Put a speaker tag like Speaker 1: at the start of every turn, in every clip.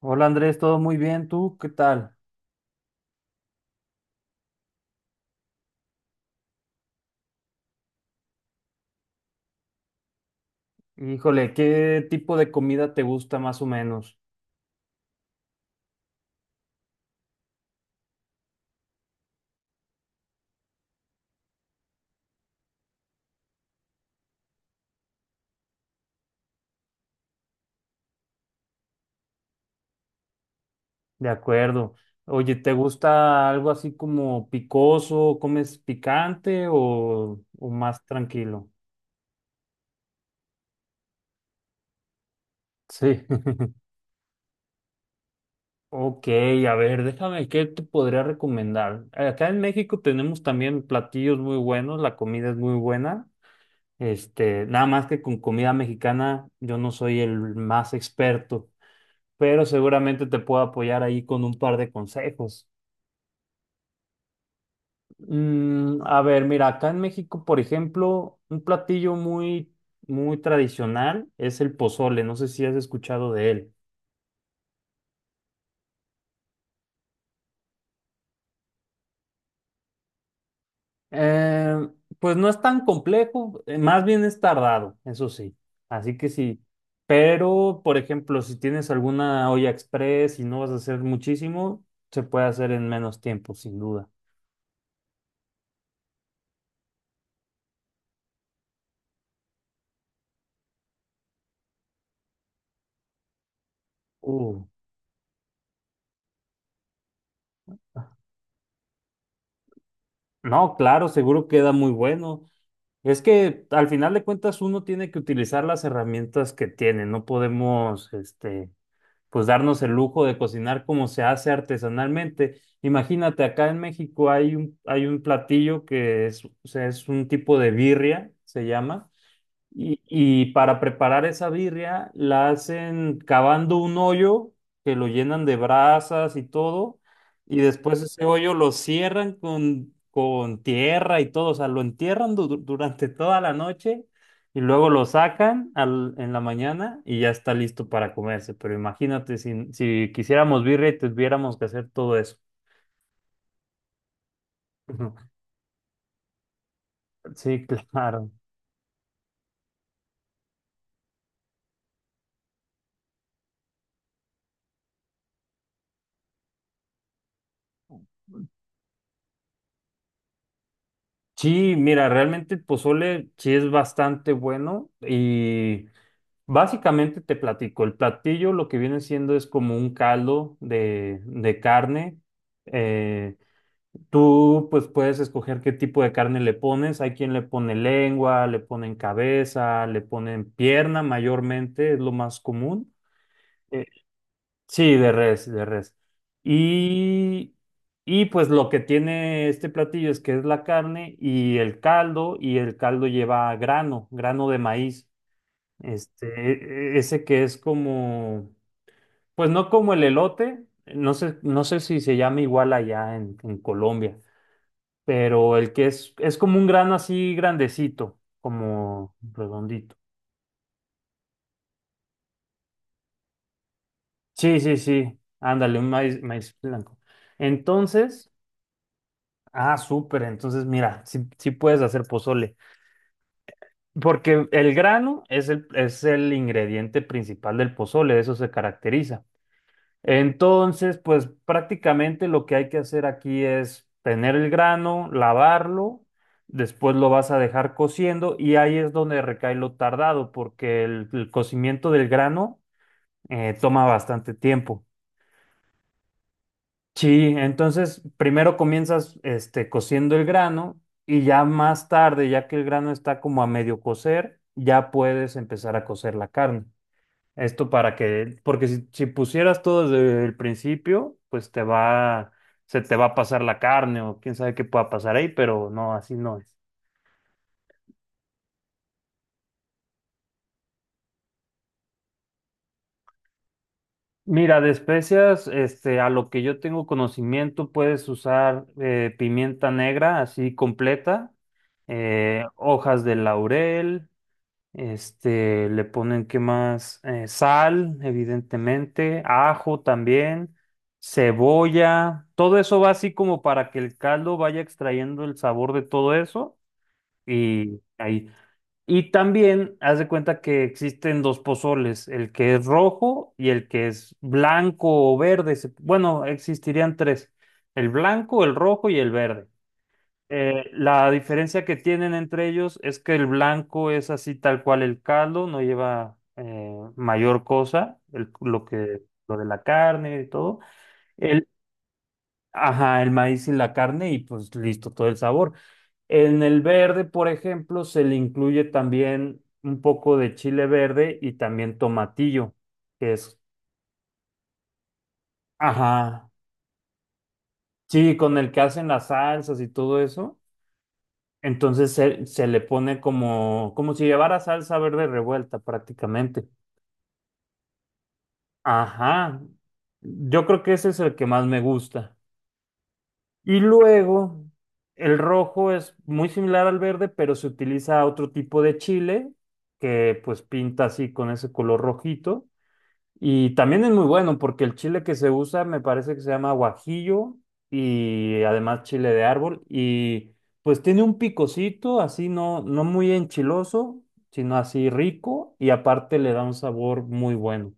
Speaker 1: Hola Andrés, todo muy bien, ¿tú qué tal? Híjole, ¿qué tipo de comida te gusta más o menos? De acuerdo. Oye, ¿te gusta algo así como picoso? ¿Comes picante o más tranquilo? Sí. Ok, a ver, déjame, ¿qué te podría recomendar? Acá en México tenemos también platillos muy buenos, la comida es muy buena. Este, nada más que con comida mexicana yo no soy el más experto, pero seguramente te puedo apoyar ahí con un par de consejos. A ver, mira, acá en México, por ejemplo, un platillo muy, muy tradicional es el pozole. No sé si has escuchado de él. Eh, pues no es tan complejo, más bien es tardado, eso sí. Así que sí. Pero, por ejemplo, si tienes alguna olla express y no vas a hacer muchísimo, se puede hacer en menos tiempo, sin duda. Uh, no, claro, seguro queda muy bueno. Es que al final de cuentas uno tiene que utilizar las herramientas que tiene, no podemos, este, pues darnos el lujo de cocinar como se hace artesanalmente. Imagínate, acá en México hay un platillo que es, o sea, es un tipo de birria, se llama, y para preparar esa birria la hacen cavando un hoyo que lo llenan de brasas y todo, y después ese hoyo lo cierran con tierra y todo, o sea, lo entierran durante toda la noche y luego lo sacan en la mañana y ya está listo para comerse. Pero imagínate si, si quisiéramos birria y tuviéramos que hacer todo eso. Ujú. Sí, claro. Sí, mira, realmente el pozole sí es bastante bueno y... básicamente te platico, el platillo lo que viene siendo es como un caldo de carne. Eh, Tú pues puedes escoger qué tipo de carne le pones. Hay quien le pone lengua, le ponen cabeza, le ponen pierna mayormente, es lo más común. Eh, sí, de res, de res. Y, y pues lo que tiene este platillo es que es la carne y el caldo lleva grano, grano de maíz. Este, ese que es como, pues no como el elote, no sé, no sé si se llama igual allá en Colombia, pero el que es como un grano así grandecito, como redondito. Sí, sí, sí, ándale, un maíz, maíz blanco. Entonces, ah, súper, entonces mira, sí, sí puedes hacer pozole, porque el grano es el ingrediente principal del pozole, de eso se caracteriza. Entonces, pues prácticamente lo que hay que hacer aquí es tener el grano, lavarlo, después lo vas a dejar cociendo y ahí es donde recae lo tardado, porque el cocimiento del grano toma bastante tiempo. Sí, entonces primero comienzas este, cociendo el grano y ya más tarde, ya que el grano está como a medio cocer, ya puedes empezar a cocer la carne. Esto para que, porque si, si pusieras todo desde el principio, pues te va, se te va a pasar la carne o quién sabe qué pueda pasar ahí, pero no, así no es. Mira, de especias, este, a lo que yo tengo conocimiento, puedes usar pimienta negra así completa, hojas de laurel. Este, le ponen, ¿qué más? Sal, evidentemente, ajo también, cebolla, todo eso va así como para que el caldo vaya extrayendo el sabor de todo eso y ahí. Y también haz de cuenta que existen dos pozoles, el que es rojo y el que es blanco o verde. Bueno, existirían tres, el blanco, el rojo y el verde. La diferencia que tienen entre ellos es que el blanco es así tal cual el caldo, no lleva mayor cosa, lo que, lo de la carne y todo. El, ajá, el maíz y la carne y pues listo, todo el sabor. En el verde, por ejemplo, se le incluye también un poco de chile verde y también tomatillo, que es, ajá, sí, con el que hacen las salsas y todo eso. Entonces se le pone como, como si llevara salsa verde revuelta prácticamente. Ajá. Yo creo que ese es el que más me gusta. Y luego, el rojo es muy similar al verde, pero se utiliza otro tipo de chile que pues pinta así con ese color rojito. Y también es muy bueno porque el chile que se usa me parece que se llama guajillo y además chile de árbol y pues tiene un picocito así no, no muy enchiloso, sino así rico y aparte le da un sabor muy bueno.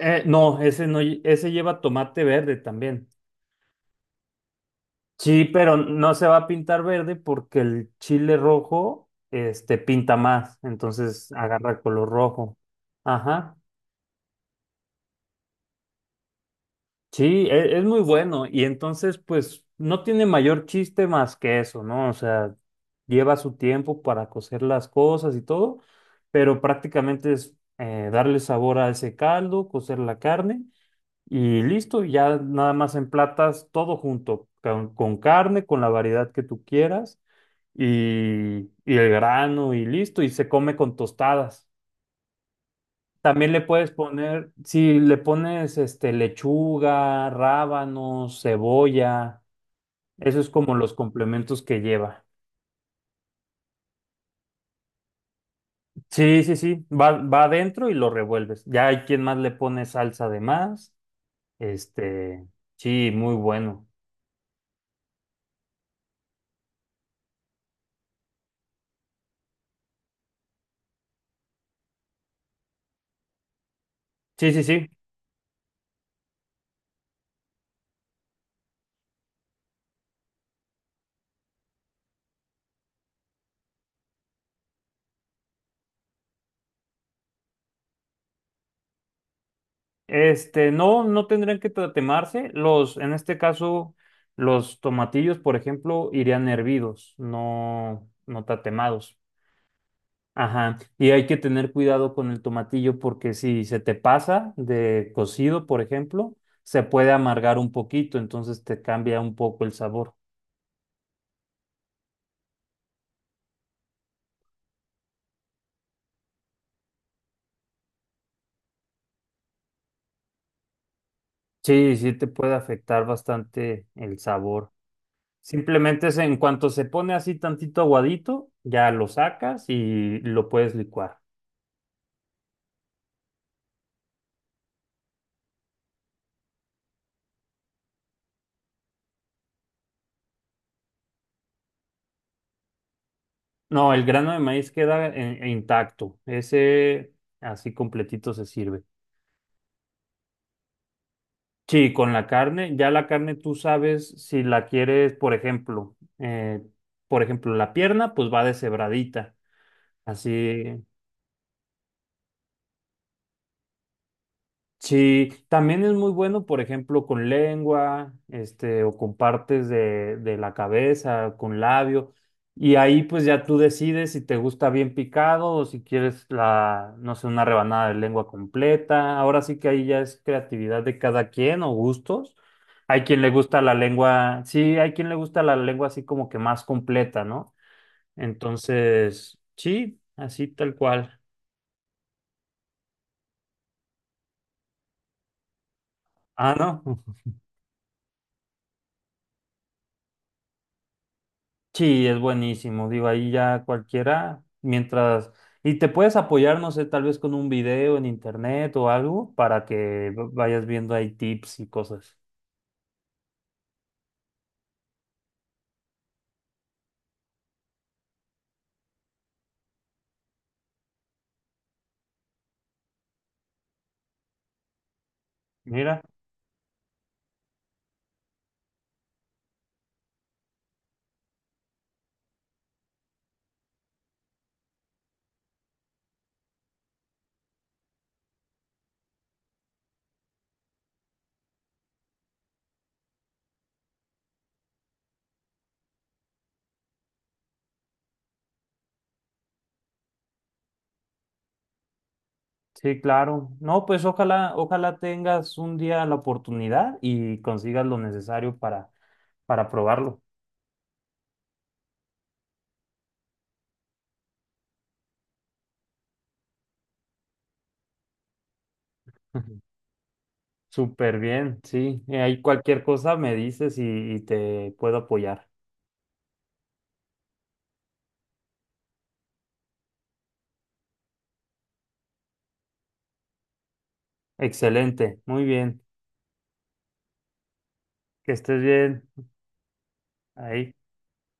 Speaker 1: No, ese no, ese lleva tomate verde también. Sí, pero no se va a pintar verde porque el chile rojo este pinta más, entonces agarra color rojo. Ajá. Sí, es muy bueno y entonces pues no tiene mayor chiste más que eso, ¿no? O sea, lleva su tiempo para cocer las cosas y todo, pero prácticamente es darle sabor a ese caldo, cocer la carne y listo, y ya nada más emplatas todo junto, con carne, con la variedad que tú quieras y el grano y listo, y se come con tostadas. También le puedes poner, si le pones este lechuga, rábanos, cebolla, eso es como los complementos que lleva. Sí, sí, sí, va, va adentro y lo revuelves. Ya hay quien más le pone salsa de más. Este, sí, muy bueno. Sí, sí, sí. Este, no, no tendrían que tatemarse. Los, en este caso, los tomatillos, por ejemplo, irían hervidos, no, no tatemados. Ajá, y hay que tener cuidado con el tomatillo porque si se te pasa de cocido, por ejemplo, se puede amargar un poquito, entonces te cambia un poco el sabor. Sí, sí te puede afectar bastante el sabor. Simplemente es en cuanto se pone así tantito aguadito, ya lo sacas y lo puedes licuar. No, el grano de maíz queda intacto, ese así completito se sirve. Sí, con la carne, ya la carne tú sabes si la quieres, por ejemplo, la pierna, pues va deshebradita, así. Sí, también es muy bueno, por ejemplo, con lengua, este, o con partes de la cabeza, con labio, y ahí pues ya tú decides si te gusta bien picado o si quieres la, no sé, una rebanada de lengua completa. Ahora sí que ahí ya es creatividad de cada quien o gustos. Hay quien le gusta la lengua, sí, hay quien le gusta la lengua así como que más completa, ¿no? Entonces, sí, así tal cual. Ah, no. Sí, es buenísimo. Digo, ahí ya cualquiera, mientras... y te puedes apoyar, no sé, tal vez con un video en internet o algo para que vayas viendo ahí tips y cosas. Mira, sí, claro. No, pues ojalá, ojalá tengas un día la oportunidad y consigas lo necesario para probarlo. Súper bien, sí. Ahí cualquier cosa me dices y te puedo apoyar. Excelente, muy bien. Que estés bien. Ahí.